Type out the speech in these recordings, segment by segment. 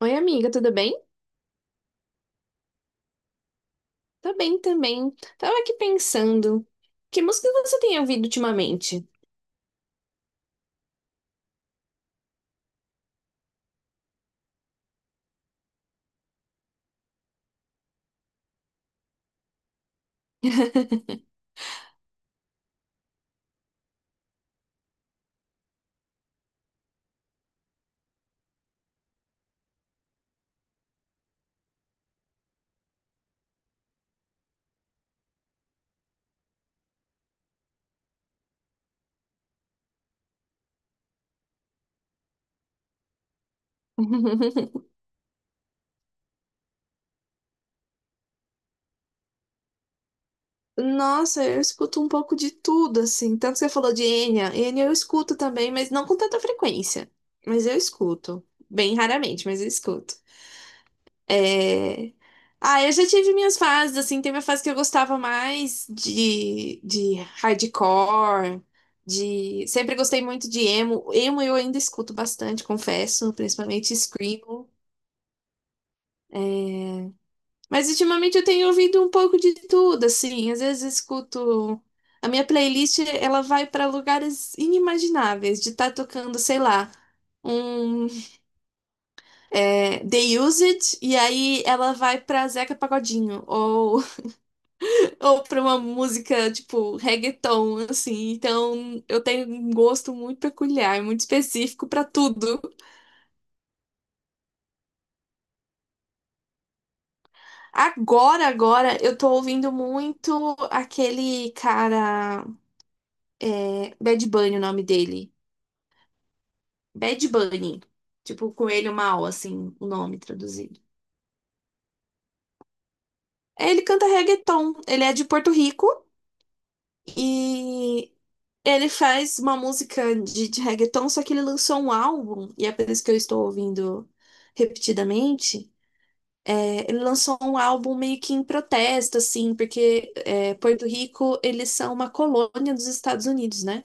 Oi, amiga, tudo bem? Tá bem também. Tava aqui pensando, que música você tem ouvido ultimamente? Nossa, eu escuto um pouco de tudo, assim. Tanto que você falou de Enya. Enya eu escuto também, mas não com tanta frequência. Mas eu escuto. Bem raramente, mas eu escuto. É... Ah, eu já tive minhas fases, assim, teve a fase que eu gostava mais de hardcore, de... Sempre gostei muito de emo. Emo eu ainda escuto bastante, confesso, principalmente screamo. Mas ultimamente eu tenho ouvido um pouco de tudo, assim, às vezes eu escuto... A minha playlist, ela vai para lugares inimagináveis, de estar tocando, sei lá, um The Used, e aí ela vai pra Zeca Pagodinho, ou pra uma música tipo reggaeton, assim. Então, eu tenho um gosto muito peculiar, muito específico pra tudo. Agora, eu tô ouvindo muito aquele cara, Bad Bunny, o nome dele. Bad Bunny, tipo coelho mal, assim, o nome traduzido. Ele canta reggaeton, ele é de Porto Rico. E Ele faz uma música de reggaeton, só que ele lançou um álbum, e é por isso que eu estou ouvindo repetidamente. É, ele lançou um álbum meio que em protesto, assim, porque Porto Rico, eles são uma colônia dos Estados Unidos, né?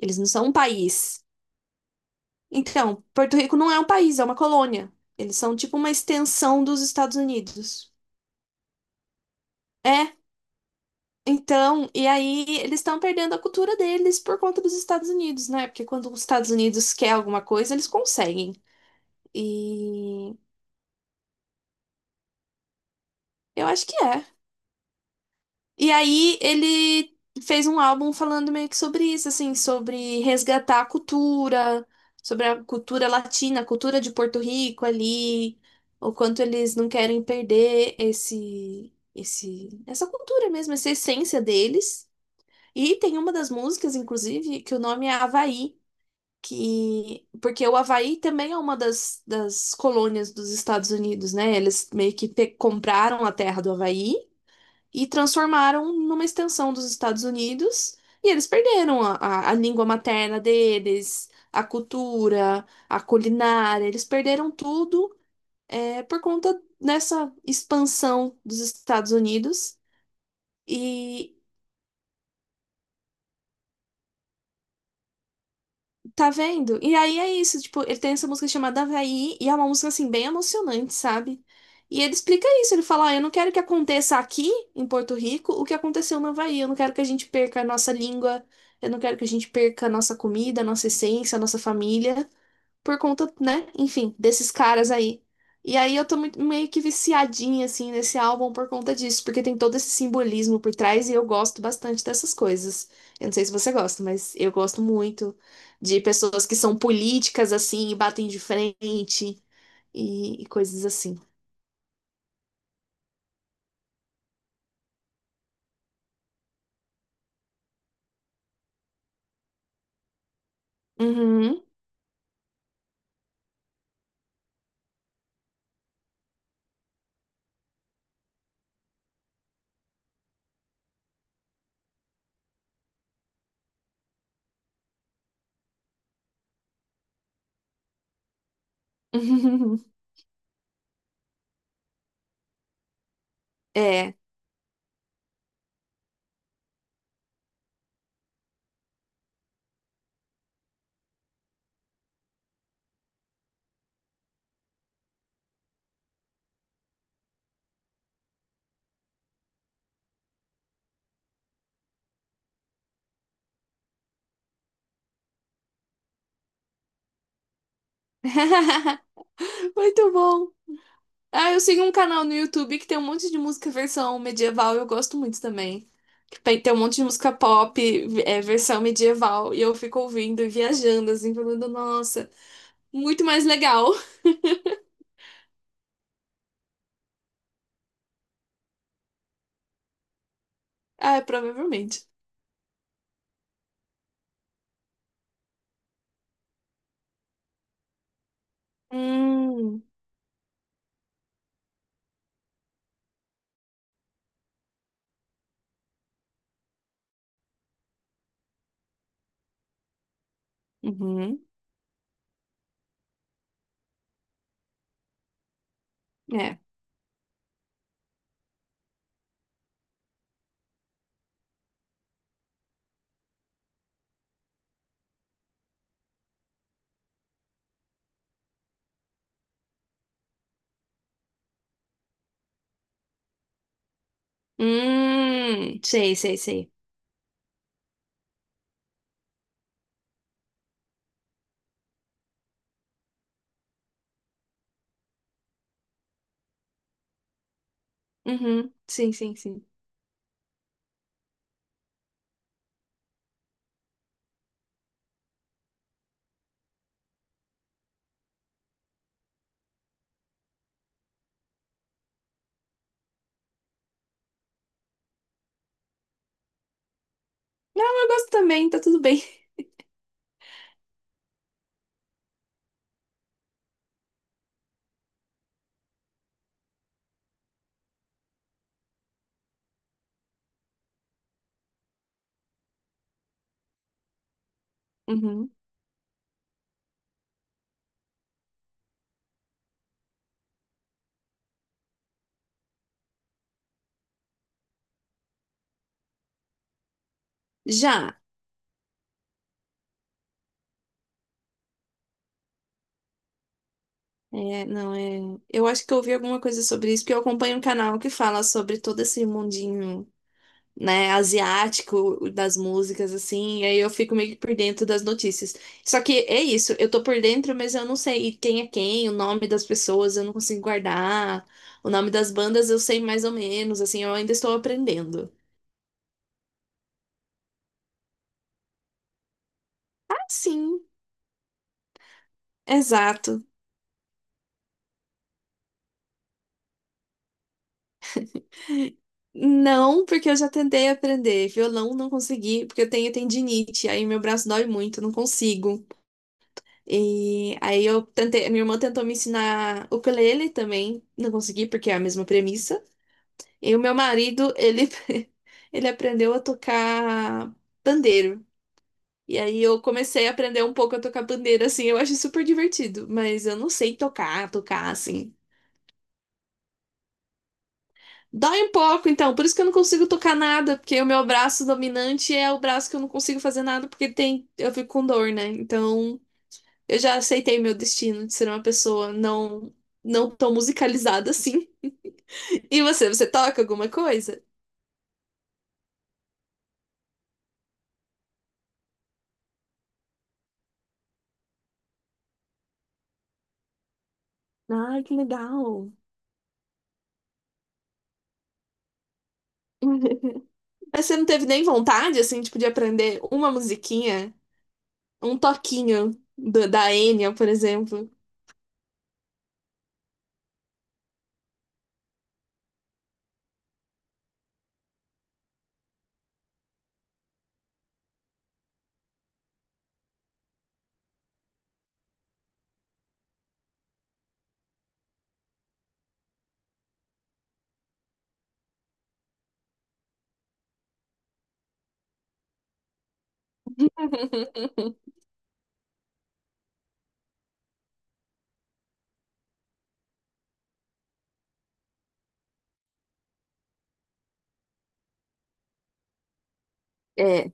Eles não são um país. Então, Porto Rico não é um país, é uma colônia. Eles são tipo uma extensão dos Estados Unidos. É, então, e aí eles estão perdendo a cultura deles por conta dos Estados Unidos, né? Porque quando os Estados Unidos quer alguma coisa, eles conseguem. E eu acho que é. E aí ele fez um álbum falando meio que sobre isso, assim, sobre resgatar a cultura, sobre a cultura latina, a cultura de Porto Rico ali, o quanto eles não querem perder essa cultura mesmo, essa essência deles. E tem uma das músicas, inclusive, que o nome é Havaí, que porque o Havaí também é uma das colônias dos Estados Unidos, né? Eles meio que compraram a terra do Havaí, e transformaram numa extensão dos Estados Unidos, e eles perderam a língua materna deles, a cultura, a culinária, eles perderam tudo por conta dessa expansão dos Estados Unidos. E tá vendo? E aí é isso, tipo, ele tem essa música chamada Havaí, e é uma música, assim, bem emocionante, sabe? E ele explica isso, ele fala, ó, eu não quero que aconteça aqui, em Porto Rico, o que aconteceu no Havaí, eu não quero que a gente perca a nossa língua, eu não quero que a gente perca a nossa comida, a nossa essência, a nossa família, por conta, né? Enfim, desses caras aí. E aí eu tô meio que viciadinha, assim, nesse álbum por conta disso, porque tem todo esse simbolismo por trás e eu gosto bastante dessas coisas. Eu não sei se você gosta, mas eu gosto muito de pessoas que são políticas, assim, e batem de frente e coisas assim. Uhum. É. Muito bom. Ah, eu sigo um canal no YouTube que tem um monte de música versão medieval, eu gosto muito também. Tem um monte de música pop, versão medieval, e eu fico ouvindo e viajando, assim, falando, nossa, muito mais legal. Ah, provavelmente. Hum, uhum, é. Sei, sei, sei. Uhum, sim, sim, sim. Não, eu gosto também, tá tudo bem. Uhum. Já. É, não, é. Eu acho que eu ouvi alguma coisa sobre isso, porque eu acompanho um canal que fala sobre todo esse mundinho, né, asiático das músicas, assim, e aí eu fico meio que por dentro das notícias. Só que é isso, eu tô por dentro, mas eu não sei quem é quem, o nome das pessoas, eu não consigo guardar, o nome das bandas eu sei mais ou menos, assim, eu ainda estou aprendendo. Ah, sim, exato. Não, porque eu já tentei aprender. Violão não consegui, porque eu tenho tendinite, aí meu braço dói muito, não consigo. E aí eu tentei, minha irmã tentou me ensinar ukulele também, não consegui, porque é a mesma premissa. E o meu marido, ele, ele aprendeu a tocar pandeiro. E aí eu comecei a aprender um pouco a tocar pandeiro, assim, eu acho super divertido, mas eu não sei tocar, tocar assim. Dói um pouco, então, por isso que eu não consigo tocar nada, porque o meu braço dominante é o braço que eu não consigo fazer nada, porque tem, eu fico com dor, né? Então, eu já aceitei meu destino de ser uma pessoa não tão musicalizada assim. E você, toca alguma coisa? Ah, que legal. Mas você não teve nem vontade, assim, tipo, de aprender uma musiquinha, um toquinho da Enya, por exemplo? É,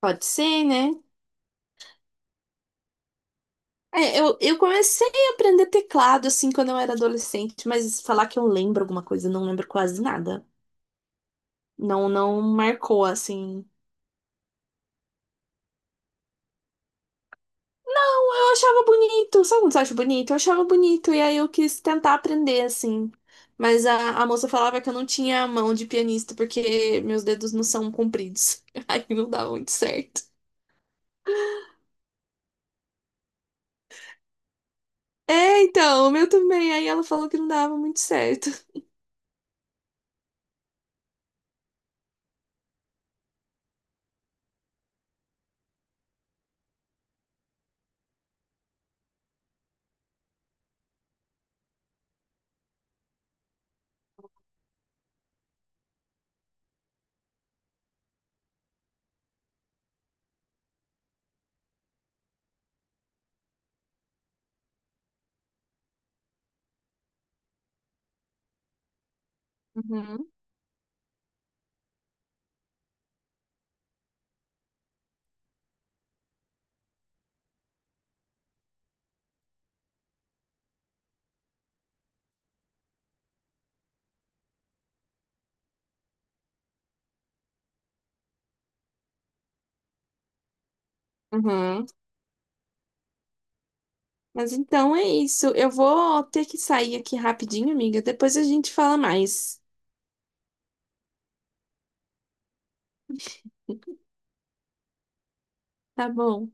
pode ser, né? É, eu comecei a aprender teclado, assim, quando eu era adolescente, mas falar que eu lembro alguma coisa, eu não lembro quase nada. Não marcou, assim. Eu achava bonito, sabe quando você acha bonito? Eu achava bonito, e aí eu quis tentar aprender, assim. Mas a moça falava que eu não tinha a mão de pianista, porque meus dedos não são compridos. Aí não dava muito certo. É, então, o meu também. Aí ela falou que não dava muito certo. Uhum, uhum. Mas então é isso. Eu vou ter que sair aqui rapidinho, amiga. Depois a gente fala mais. Tá bom.